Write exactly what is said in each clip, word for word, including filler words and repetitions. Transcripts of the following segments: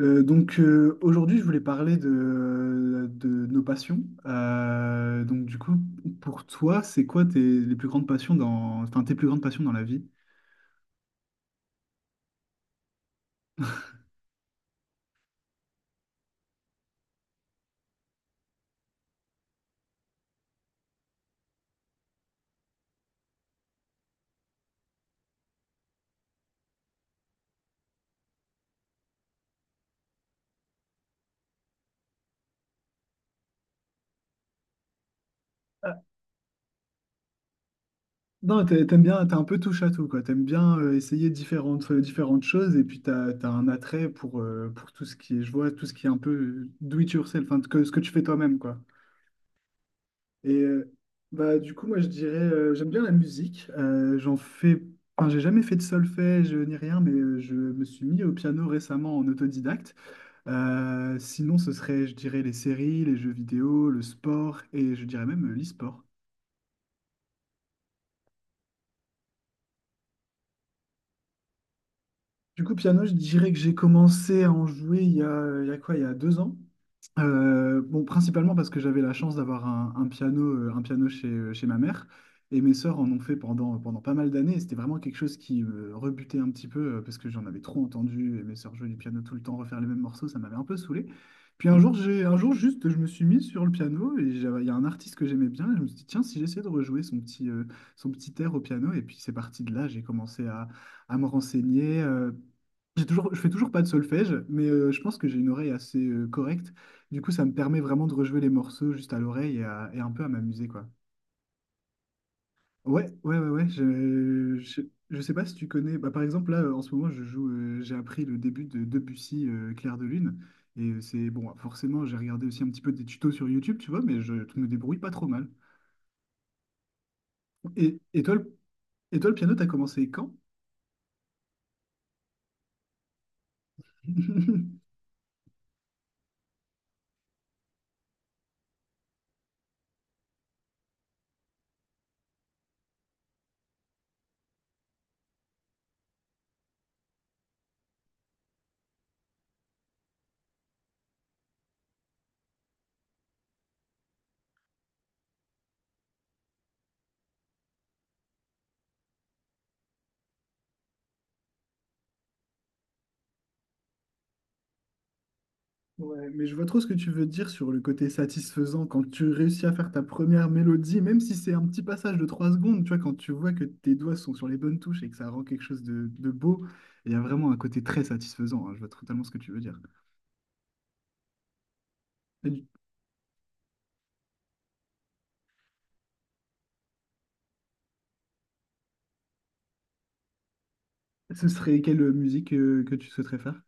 Euh, donc euh, aujourd'hui, je voulais parler de, de nos passions. Euh, donc du coup, pour toi, c'est quoi tes les plus grandes passions dans, enfin tes plus grandes passions dans la vie? Ah, non, t'a- t'aimes bien, t'es un peu touche à tout quoi. T'aimes bien euh, essayer différentes euh, différentes choses et puis t'as, t'as un attrait pour euh, pour tout ce qui est, je vois tout ce qui est un peu euh, do it yourself, enfin que, ce que tu fais toi-même quoi. Et euh, bah, du coup, moi, je dirais, euh, j'aime bien la musique. Euh, j'en fais, enfin, j'ai jamais fait de solfège euh, ni rien, mais euh, je me suis mis au piano récemment en autodidacte. Euh, sinon, ce serait, je dirais, les séries, les jeux vidéo, le sport et je dirais même euh, l'e-sport. Du coup, piano, je dirais que j'ai commencé à en jouer il y a, il y a quoi, il y a deux ans. Euh, bon, principalement parce que j'avais la chance d'avoir un, un piano, euh, un piano chez, euh, chez ma mère, et mes sœurs en ont fait pendant, pendant pas mal d'années, et c'était vraiment quelque chose qui me rebutait un petit peu, euh, parce que j'en avais trop entendu, et mes sœurs jouaient du piano tout le temps, refaire les mêmes morceaux, ça m'avait un peu saoulé. Puis un jour, j'ai, un jour juste, je me suis mis sur le piano, et j'avais- il y a un artiste que j'aimais bien, et je me suis dit, tiens, si j'essaie de rejouer son petit, euh, son petit air au piano, et puis c'est parti de là, j'ai commencé à, à, me renseigner. Euh, j'ai toujours, je fais toujours pas de solfège, mais euh, je pense que j'ai une oreille assez euh, correcte du coup, ça me permet vraiment de rejouer les morceaux juste à l'oreille et, à- et un peu à m'amuser, quoi. Ouais, ouais, ouais, ouais. Je, je, je sais pas si tu connais. Bah, par exemple, là, euh, en ce moment, je joue. Euh, j'ai appris le début de Debussy, euh, Clair de Lune. Et euh, c'est bon, forcément, j'ai regardé aussi un petit peu des tutos sur YouTube, tu vois, mais je me débrouille pas trop mal. Et, et toi, le, et toi, le piano, t'as commencé quand? Ouais, mais je vois trop ce que tu veux dire sur le côté satisfaisant quand tu réussis à faire ta première mélodie, même si c'est un petit passage de trois secondes, tu vois, quand tu vois que tes doigts sont sur les bonnes touches et que ça rend quelque chose de, de beau, il y a vraiment un côté très satisfaisant, hein, je vois totalement ce que tu veux dire. Et du- Ce serait quelle euh, musique euh, que tu souhaiterais faire?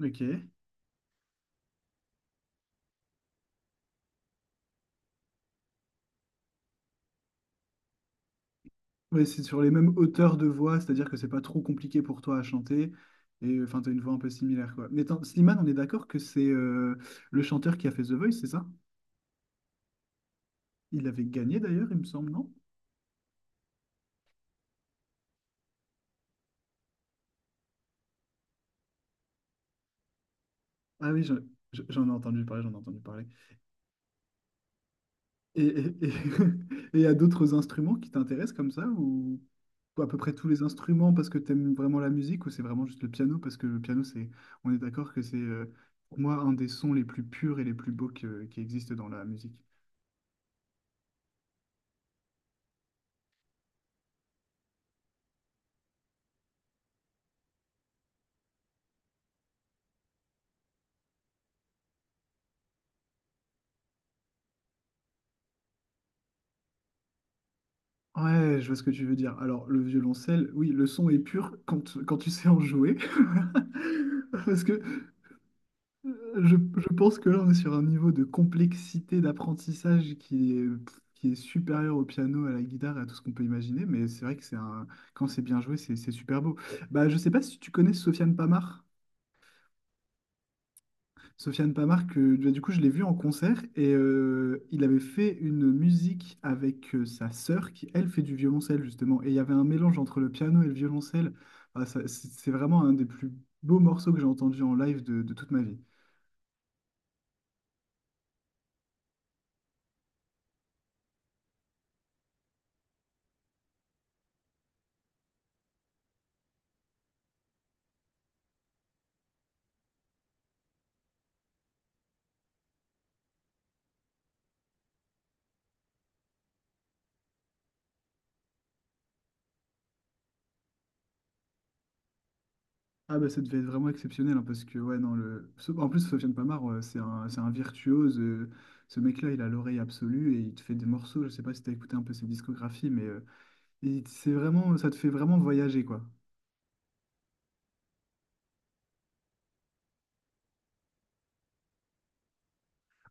Ok. Ouais, c'est sur les mêmes hauteurs de voix, c'est-à-dire que c'est pas trop compliqué pour toi à chanter. Et euh, enfin, t'as une voix un peu similaire, quoi. Mais attends, Slimane, on est d'accord que c'est euh, le chanteur qui a fait The Voice, c'est ça? Il avait gagné d'ailleurs, il me semble, non? Ah oui, je- je- j'en ai entendu parler, j'en ai entendu parler. Et et- et- et il y a d'autres instruments qui t'intéressent comme ça, ou ou à peu près tous les instruments parce que t'aimes vraiment la musique, ou c'est vraiment juste le piano, parce que le piano, c'est, on est d'accord que c'est euh, pour moi un des sons les plus purs et les plus beaux que- qui existent dans la musique. Ouais, je vois ce que tu veux dire. Alors, le violoncelle, oui, le son est pur quand, quand tu sais en jouer. Parce que euh, je, je pense que là, on est sur un niveau de complexité d'apprentissage qui est, qui est supérieur au piano, à la guitare et à tout ce qu'on peut imaginer. Mais c'est vrai que c'est un, quand c'est bien joué, c'est c'est super beau. Bah, je sais pas si tu connais Sofiane Pamar. Sofiane Pamart, que bah, du coup je l'ai vu en concert et euh, il avait fait une musique avec euh, sa sœur qui elle fait du violoncelle justement et il y avait un mélange entre le piano et le violoncelle. Ah, ça, c'est c'est vraiment un des plus beaux morceaux que j'ai entendu en live de, de toute ma vie. Ah bah ça devait être vraiment exceptionnel hein, parce que ouais non le so- en plus Sofiane Pamart euh, c'est un, c'est un virtuose euh, ce mec-là il a l'oreille absolue et il te fait des morceaux je sais pas si t'as écouté un peu ses discographies mais euh, il- c'est vraiment ça te fait vraiment voyager quoi.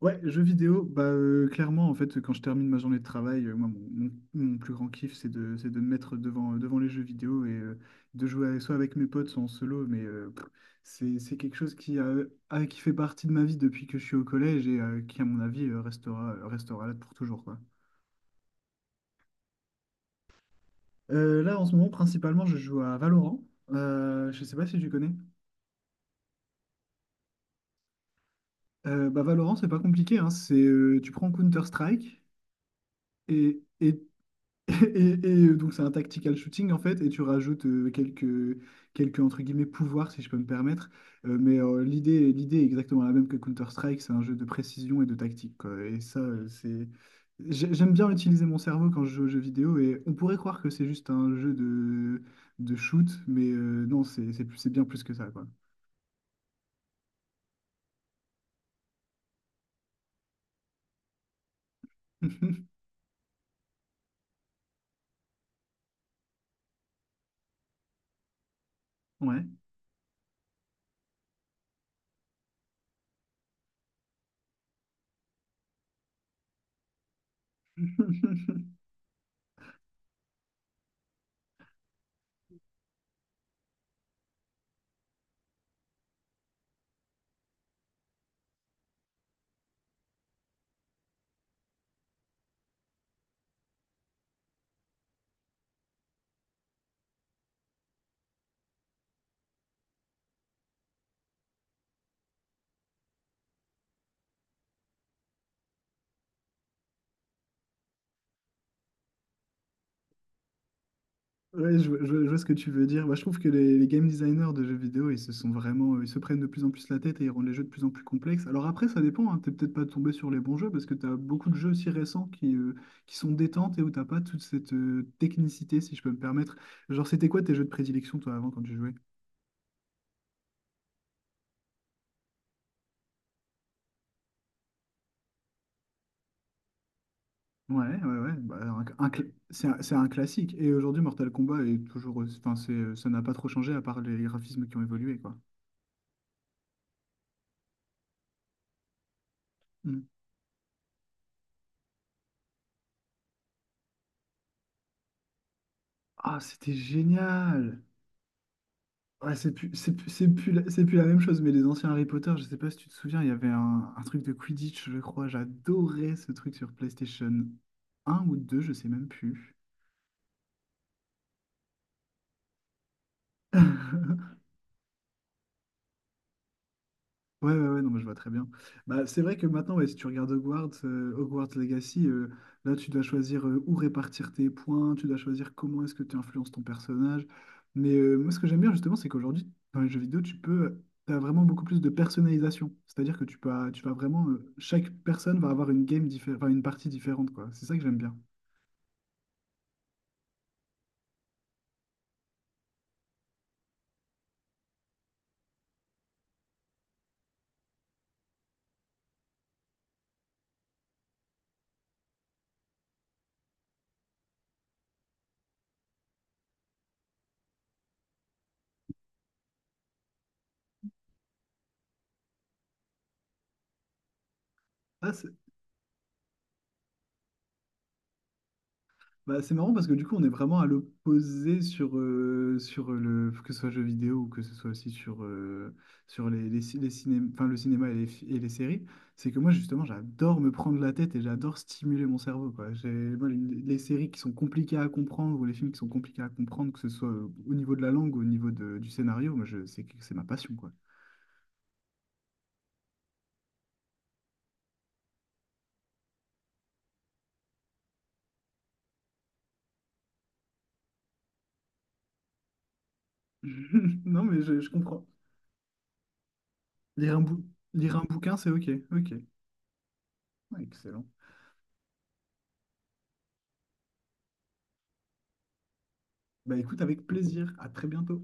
Ouais, jeux vidéo, bah euh, clairement en fait quand je termine ma journée de travail, euh, moi mon, mon- mon plus grand kiff c'est de, c'est de me mettre devant, devant les jeux vidéo et euh, de jouer avec- soit avec mes potes, soit en solo, mais euh, pff, c'est, c'est quelque chose qui, a, ah, qui fait partie de ma vie depuis que je suis au collège et euh, qui à mon avis euh, restera, restera là pour toujours quoi. Euh, là en ce moment principalement je joue à Valorant. Euh, je sais pas si tu connais. Euh, bah Valorant c'est pas compliqué, hein. C'est, euh, tu prends Counter-Strike. Et, et Et, et, euh, donc c'est un tactical shooting en fait, et tu rajoutes euh, quelques, quelques entre guillemets pouvoirs si je peux me permettre. Euh, mais euh, l'idée, l'idée est exactement la même que Counter-Strike, c'est un jeu de précision et de tactique, quoi. Et ça, euh, c'est. j'ai- J'aime bien utiliser mon cerveau quand je joue aux jeux vidéo, et on pourrait croire que c'est juste un jeu de, de shoot, mais euh, non, c'est c'est plus- c'est bien plus que ça, quoi. Ouais. Ouais, je, vois je vois- je vois ce que tu veux dire. Moi je trouve que les, les game designers de jeux vidéo, ils se sont vraiment, euh, ils se prennent de plus en plus la tête et ils rendent les jeux de plus en plus complexes. Alors après, ça dépend, hein, t'es peut-être pas tombé sur les bons jeux parce que tu as beaucoup de jeux aussi récents qui, euh, qui sont détentes et où t'as pas toute cette euh, technicité, si je peux me permettre. Genre, c'était quoi tes jeux de prédilection, toi, avant, quand tu jouais? Ouais, ouais, ouais. Bah, un- un cl- c'est un, c'est un classique. Et aujourd'hui, Mortal Kombat est toujours, euh, enfin, c'est, ça n'a pas trop changé à part les graphismes qui ont évolué, quoi. Mm. Ah, c'était génial! Ouais, c'est plus, c'est plus, c'est plus la, c'est plus la même chose, mais les anciens Harry Potter, je sais pas si tu te souviens, il y avait un, un truc de Quidditch, je crois. J'adorais ce truc sur PlayStation un ou deux je sais même plus. Ouais, ouais, ouais, non, mais je vois très bien. Bah, c'est vrai que maintenant, ouais, si tu regardes Hogwarts, euh, Hogwarts Legacy, euh, là, tu dois choisir euh, où répartir tes points, tu dois choisir comment est-ce que tu influences ton personnage. Mais euh, moi, ce que j'aime bien, justement, c'est qu'aujourd'hui, dans les jeux vidéo, tu peux, t'as vraiment beaucoup plus de personnalisation. C'est-à-dire que tu peux, tu vas vraiment, euh, chaque personne va avoir une game différente, une partie différente, quoi. C'est ça que j'aime bien. Ah, bah, c'est marrant parce que du coup, on est vraiment à l'opposé sur, euh, sur le, que ce soit jeux vidéo ou que ce soit aussi sur, euh, sur les, les, ci- les ciné- enfin, le cinéma et les, fi- et les séries. C'est que moi, justement, j'adore me prendre la tête et j'adore stimuler mon cerveau, quoi. J'ai, moi, les, les séries qui sont compliquées à comprendre ou les films qui sont compliqués à comprendre, que ce soit euh, au niveau de la langue ou au niveau de- du scénario, moi, je, c'est, que- c'est ma passion, quoi. Non, mais je, je comprends. Lire un bou- Lire un bouquin, c'est OK. OK. Ouais, excellent. Bah, écoute, avec plaisir. À très bientôt.